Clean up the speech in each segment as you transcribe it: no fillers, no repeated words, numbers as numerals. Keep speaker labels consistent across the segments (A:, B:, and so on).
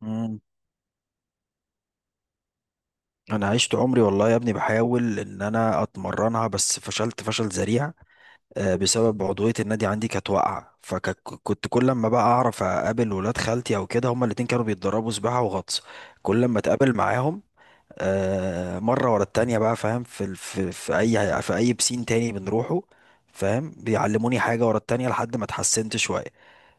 A: مم. انا عشت عمري والله يا ابني بحاول ان انا اتمرنها، بس فشلت فشل ذريع. بسبب عضويه النادي عندي كانت واقعه، فكنت كل ما بقى اعرف اقابل ولاد خالتي او كده، هما الاتنين كانوا بيتدربوا سباحه وغطس. كل ما اتقابل معاهم مره ورا التانيه بقى، فاهم، في ال- في في اي في اي بسين تاني بنروحه، فاهم، بيعلموني حاجه ورا التانيه لحد ما اتحسنت شويه.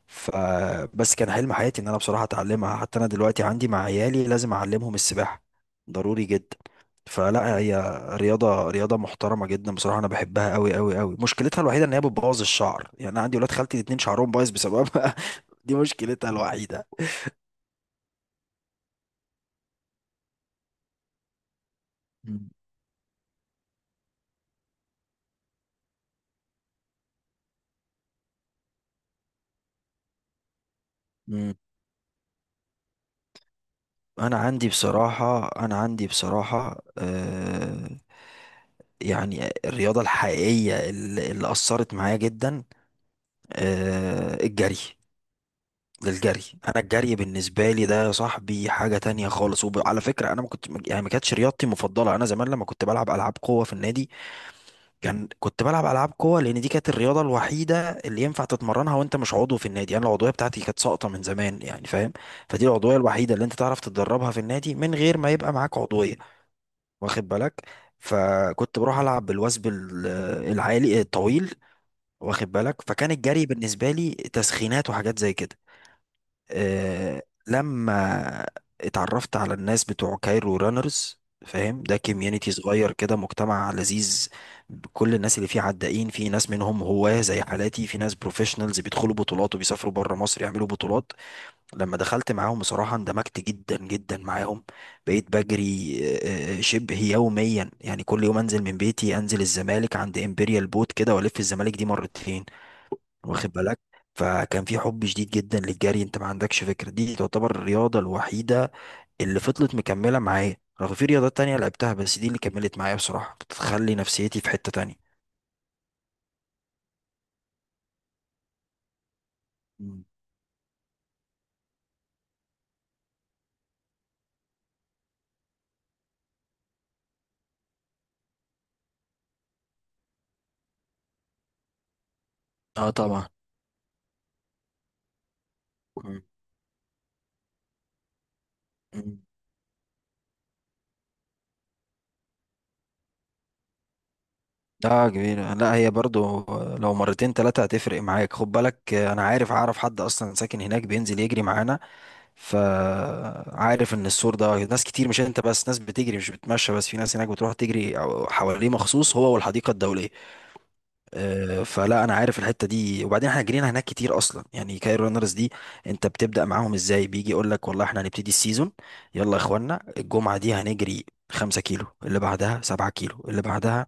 A: فبس كان حلم حياتي ان انا بصراحه اتعلمها، حتى انا دلوقتي عندي مع عيالي لازم اعلمهم السباحه، ضروري جدا. فلا، هي رياضه محترمه جدا بصراحه، انا بحبها قوي قوي قوي. مشكلتها الوحيده ان هي بتبوظ الشعر، يعني انا عندي ولاد خالتي الاتنين شعرهم بايظ بسببها. دي مشكلتها الوحيده. مم. مم. انا عندي بصراحه، يعني الرياضه الحقيقيه اللي اثرت معايا جدا، آه الجري للجري. انا الجري بالنسبه لي ده يا صاحبي حاجه تانية خالص. وعلى فكره انا ما كنت يعني ما كانتش رياضتي المفضله. انا زمان لما كنت بلعب العاب قوه في النادي، كنت بلعب العاب قوه لان دي كانت الرياضه الوحيده اللي ينفع تتمرنها وانت مش عضو في النادي. انا العضويه بتاعتي كانت ساقطه من زمان، يعني فاهم. فدي العضويه الوحيده اللي انت تعرف تتدربها في النادي من غير ما يبقى معاك عضويه، واخد بالك. فكنت بروح العب بالوثب العالي الطويل، واخد بالك. فكان الجري بالنسبه لي تسخينات وحاجات زي كده. آه، لما اتعرفت على الناس بتوع كايرو رانرز، فاهم، ده كوميونيتي صغير كده، مجتمع لذيذ. كل الناس اللي فيه عدائين، في ناس منهم هواة زي حالاتي، في ناس بروفيشنالز بيدخلوا بطولات وبيسافروا بره مصر يعملوا بطولات. لما دخلت معاهم بصراحة اندمجت جدا جدا معاهم. بقيت بجري شبه يوميا، يعني كل يوم انزل من بيتي، انزل الزمالك عند امبريال بوت كده والف الزمالك دي مرتين، واخد بالك. فكان في حب شديد جدا للجري. انت ما عندكش فكره، دي تعتبر الرياضه الوحيده اللي فضلت مكمله معايا، رغم في رياضات تانية لعبتها بس دي اللي كملت معايا بصراحه، بتخلي نفسيتي في حته تانية. مم. اه طبعا. مم. مم. لا، كبيرة، لا هي برضو لو مرتين تلاتة هتفرق معاك، خد بالك، انا عارف اعرف حد اصلا ساكن هناك بينزل يجري معانا. فعارف ان السور ده ناس كتير، مش انت بس، ناس بتجري مش بتمشى بس، في ناس هناك بتروح تجري حواليه مخصوص هو والحديقة الدولية. فلا انا عارف الحته دي، وبعدين احنا جرينا هناك كتير اصلا. يعني كاير رانرز دي انت بتبدا معاهم ازاي؟ بيجي يقول لك والله احنا هنبتدي السيزون، يلا يا اخوانا الجمعه دي هنجري 5 كيلو، اللي بعدها 7 كيلو، اللي بعدها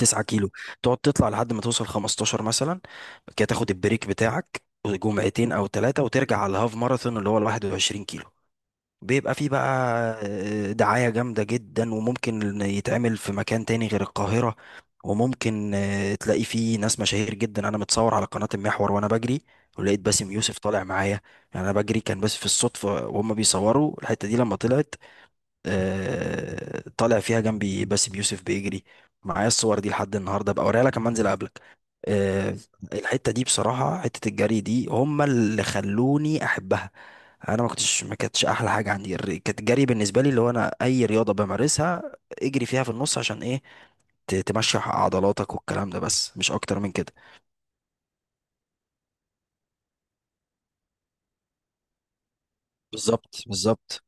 A: 9 كيلو، تقعد تطلع لحد ما توصل 15 مثلا. بعد كده تاخد البريك بتاعك جمعتين او ثلاثه، وترجع على الهاف ماراثون اللي هو ال 21 كيلو. بيبقى فيه بقى دعاية جامدة جدا، وممكن يتعمل في مكان تاني غير القاهرة. وممكن تلاقي فيه ناس مشاهير جدا، أنا متصور على قناة المحور وأنا بجري، ولقيت باسم يوسف طالع معايا. يعني أنا بجري كان بس في الصدفة وهم بيصوروا الحتة دي، لما طلعت طالع فيها جنبي باسم يوسف بيجري معايا. الصور دي لحد النهارده بقى، اوريها لك لما انزل قبلك. آه، الحته دي بصراحه، حته الجري دي، هم اللي خلوني احبها. انا ما كانتش احلى حاجه عندي كانت الجري. بالنسبه لي اللي هو انا اي رياضه بمارسها اجري فيها في النص عشان ايه، تمشي عضلاتك والكلام ده، بس مش اكتر من كده. بالظبط بالظبط.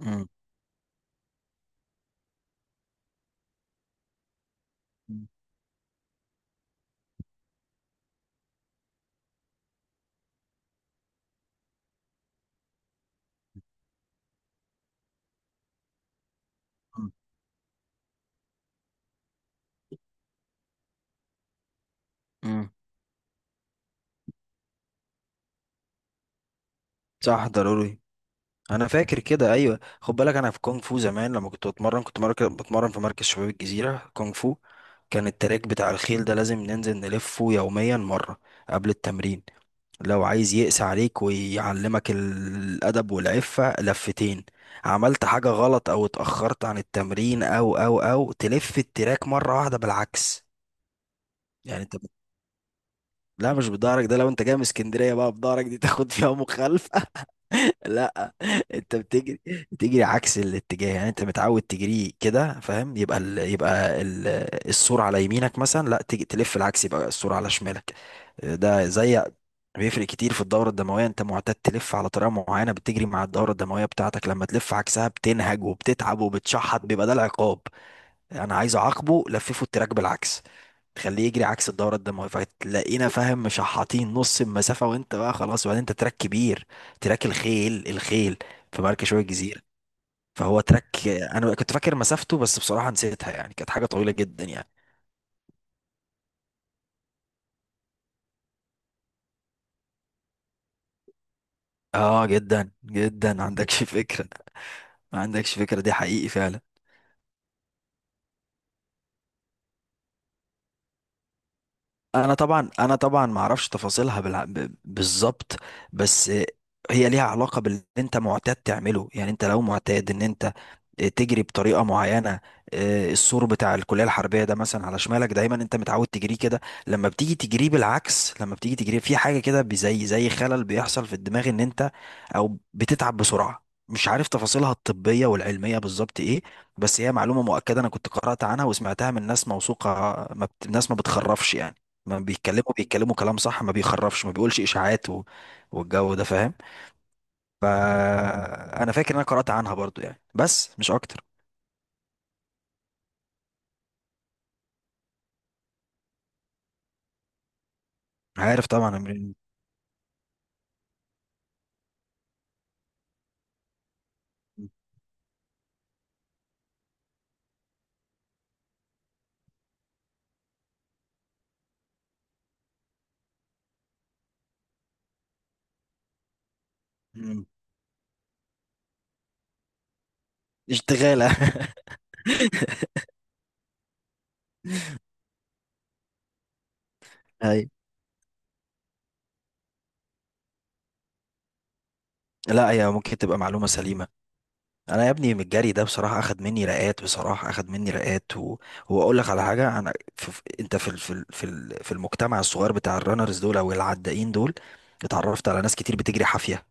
A: امم. امم. صح ضروري. انا فاكر كده، ايوه، خد بالك، انا في كونغ فو زمان لما كنت بتمرن، كنت مركز بتمرن في مركز شباب الجزيره كونغ فو. كان التراك بتاع الخيل ده لازم ننزل نلفه يوميا مره قبل التمرين. لو عايز يقسى عليك ويعلمك الادب والعفه لفتين. عملت حاجه غلط او اتاخرت عن التمرين او تلف التراك مره واحده بالعكس. يعني انت لا، مش بضهرك. ده لو انت جاي من اسكندريه بقى بضهرك، دي تاخد فيها مخالفه. لا، انت بتجري، عكس الاتجاه. يعني انت متعود تجري كده، فاهم، يبقى السرعه على يمينك مثلا، لا تيجي تلف العكس، يبقى السرعه على شمالك. ده زي بيفرق كتير في الدوره الدمويه. انت معتاد تلف على طريقه معينه، بتجري مع الدوره الدمويه بتاعتك، لما تلف عكسها بتنهج وبتتعب وبتشحط، بيبقى ده العقاب. انا عايز اعاقبه لففه التراك بالعكس، تخليه يجري عكس الدورة الدموية. فتلاقينا فاهم مشحطين نص المسافة وانت بقى خلاص. وبعدين انت تراك كبير، تراك الخيل، الخيل في مركز شوية الجزيرة. فهو تراك انا كنت فاكر مسافته بس بصراحة نسيتها، يعني كانت حاجة طويلة جدا يعني. اه، جدا جدا، ما عندكش فكرة، ما عندكش فكرة، دي حقيقي فعلا. انا طبعا ما اعرفش تفاصيلها بالظبط. بس هي ليها علاقه باللي انت معتاد تعمله، يعني انت لو معتاد ان انت تجري بطريقه معينه. السور بتاع الكليه الحربيه ده مثلا على شمالك دايما، انت متعود تجريه كده. لما بتيجي تجريه بالعكس، لما بتيجي تجريه في حاجه كده زي خلل بيحصل في الدماغ ان انت او بتتعب بسرعه. مش عارف تفاصيلها الطبيه والعلميه بالظبط ايه، بس هي معلومه مؤكده، انا كنت قرات عنها وسمعتها من ناس موثوقه. ما بت... ناس ما بتخرفش يعني، ما بيتكلموا بيتكلموا كلام صح، ما بيخرفش، ما بيقولش اشاعات والجو ده، فاهم. فانا فاكر ان انا قرأت عنها برضو يعني، بس مش اكتر. عارف طبعا مم. اشتغالة. أي. لا، هي ممكن تبقى معلومة سليمة. أنا يا ابني من الجري ده بصراحة أخد مني رقات، بصراحة أخد مني رقات وأقول لك على حاجة. أنا في... في- أنت في ال... في ال... في ال- في المجتمع الصغير بتاع الرانرز دول أو العدائين دول اتعرفت على ناس كتير بتجري حافية،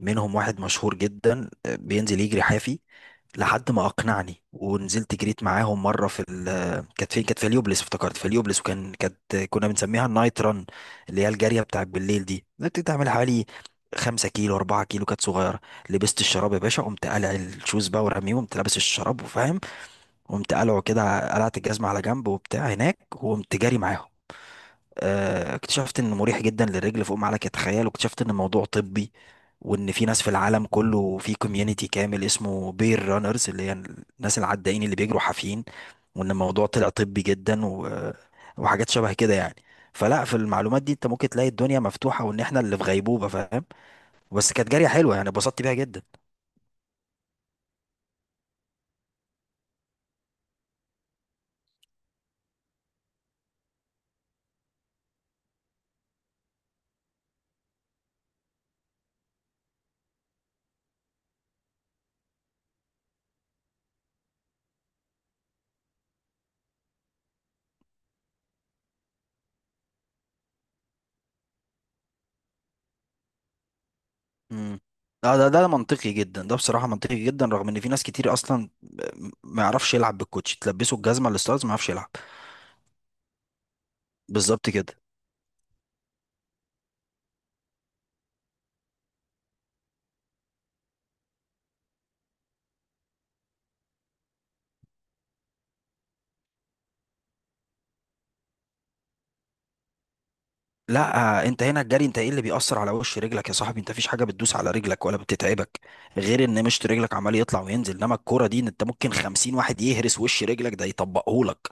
A: منهم واحد مشهور جدا بينزل يجري حافي لحد ما اقنعني، ونزلت جريت معاهم مره في ال، كانت فين، كانت في اليوبلس، افتكرت في اليوبلس. وكان كانت كنا بنسميها النايت ران، اللي هي الجاريه بتاعت بالليل دي، كنت تعمل حوالي خمسة كيلو، أربعة كيلو، كانت صغيرة. لبست الشراب يا باشا، قمت قلع الشوز بقى ورميه، قمت لابس الشراب، وفاهم، قمت قلعه كده، قلعت الجزمة على جنب وبتاع هناك، وقمت جاري معاهم. اكتشفت انه مريح جدا للرجل فوق ما عليك تتخيل، واكتشفت ان الموضوع طبي، وان في ناس في العالم كله في كوميونتي كامل اسمه بير رانرز، اللي هي الناس العدائين اللي بيجروا حافيين، وان الموضوع طلع طبي جدا وحاجات شبه كده يعني. فلا في المعلومات دي انت ممكن تلاقي الدنيا مفتوحة، وان احنا اللي في غيبوبة، فاهم. بس كانت جارية حلوة يعني، اتبسطت بيها جدا. امم. اه، ده بصراحة منطقي جدا، رغم ان في ناس كتير اصلا ما يعرفش يلعب بالكوتش، تلبسه الجزمة الستارز ما يعرفش يلعب. بالظبط كده. لا، انت هنا الجري، انت ايه اللي بيأثر على وش رجلك يا صاحبي؟ انت مفيش حاجه بتدوس على رجلك ولا بتتعبك غير ان مشط رجلك عمال يطلع وينزل، انما الكوره دي انت ممكن خمسين واحد يهرس وش رجلك، ده يطبقهولك.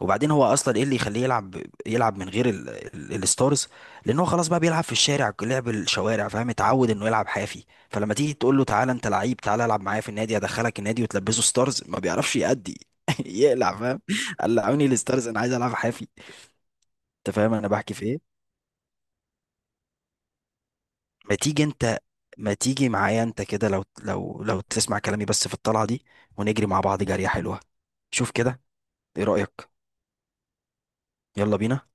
A: وبعدين هو اصلا ايه اللي يخليه يلعب؟ يلعب من غير الستارز، لان هو خلاص بقى بيلعب في الشارع، لعب الشوارع، فاهم، اتعود انه يلعب حافي. فلما تيجي تقول له تعالى انت لعيب، تعالى العب معايا في النادي، ادخلك النادي وتلبسه ستارز ما بيعرفش يأدي. يقلع، فاهم، قلعوني الستارز، انا عايز العب حافي. انت فاهم انا بحكي في ايه؟ ما تيجي انت، ما تيجي معايا انت كده، لو لو تسمع كلامي بس، في الطلعة دي ونجري مع بعض جرية حلوة، شوف كده، ايه رأيك؟ يلا بينا.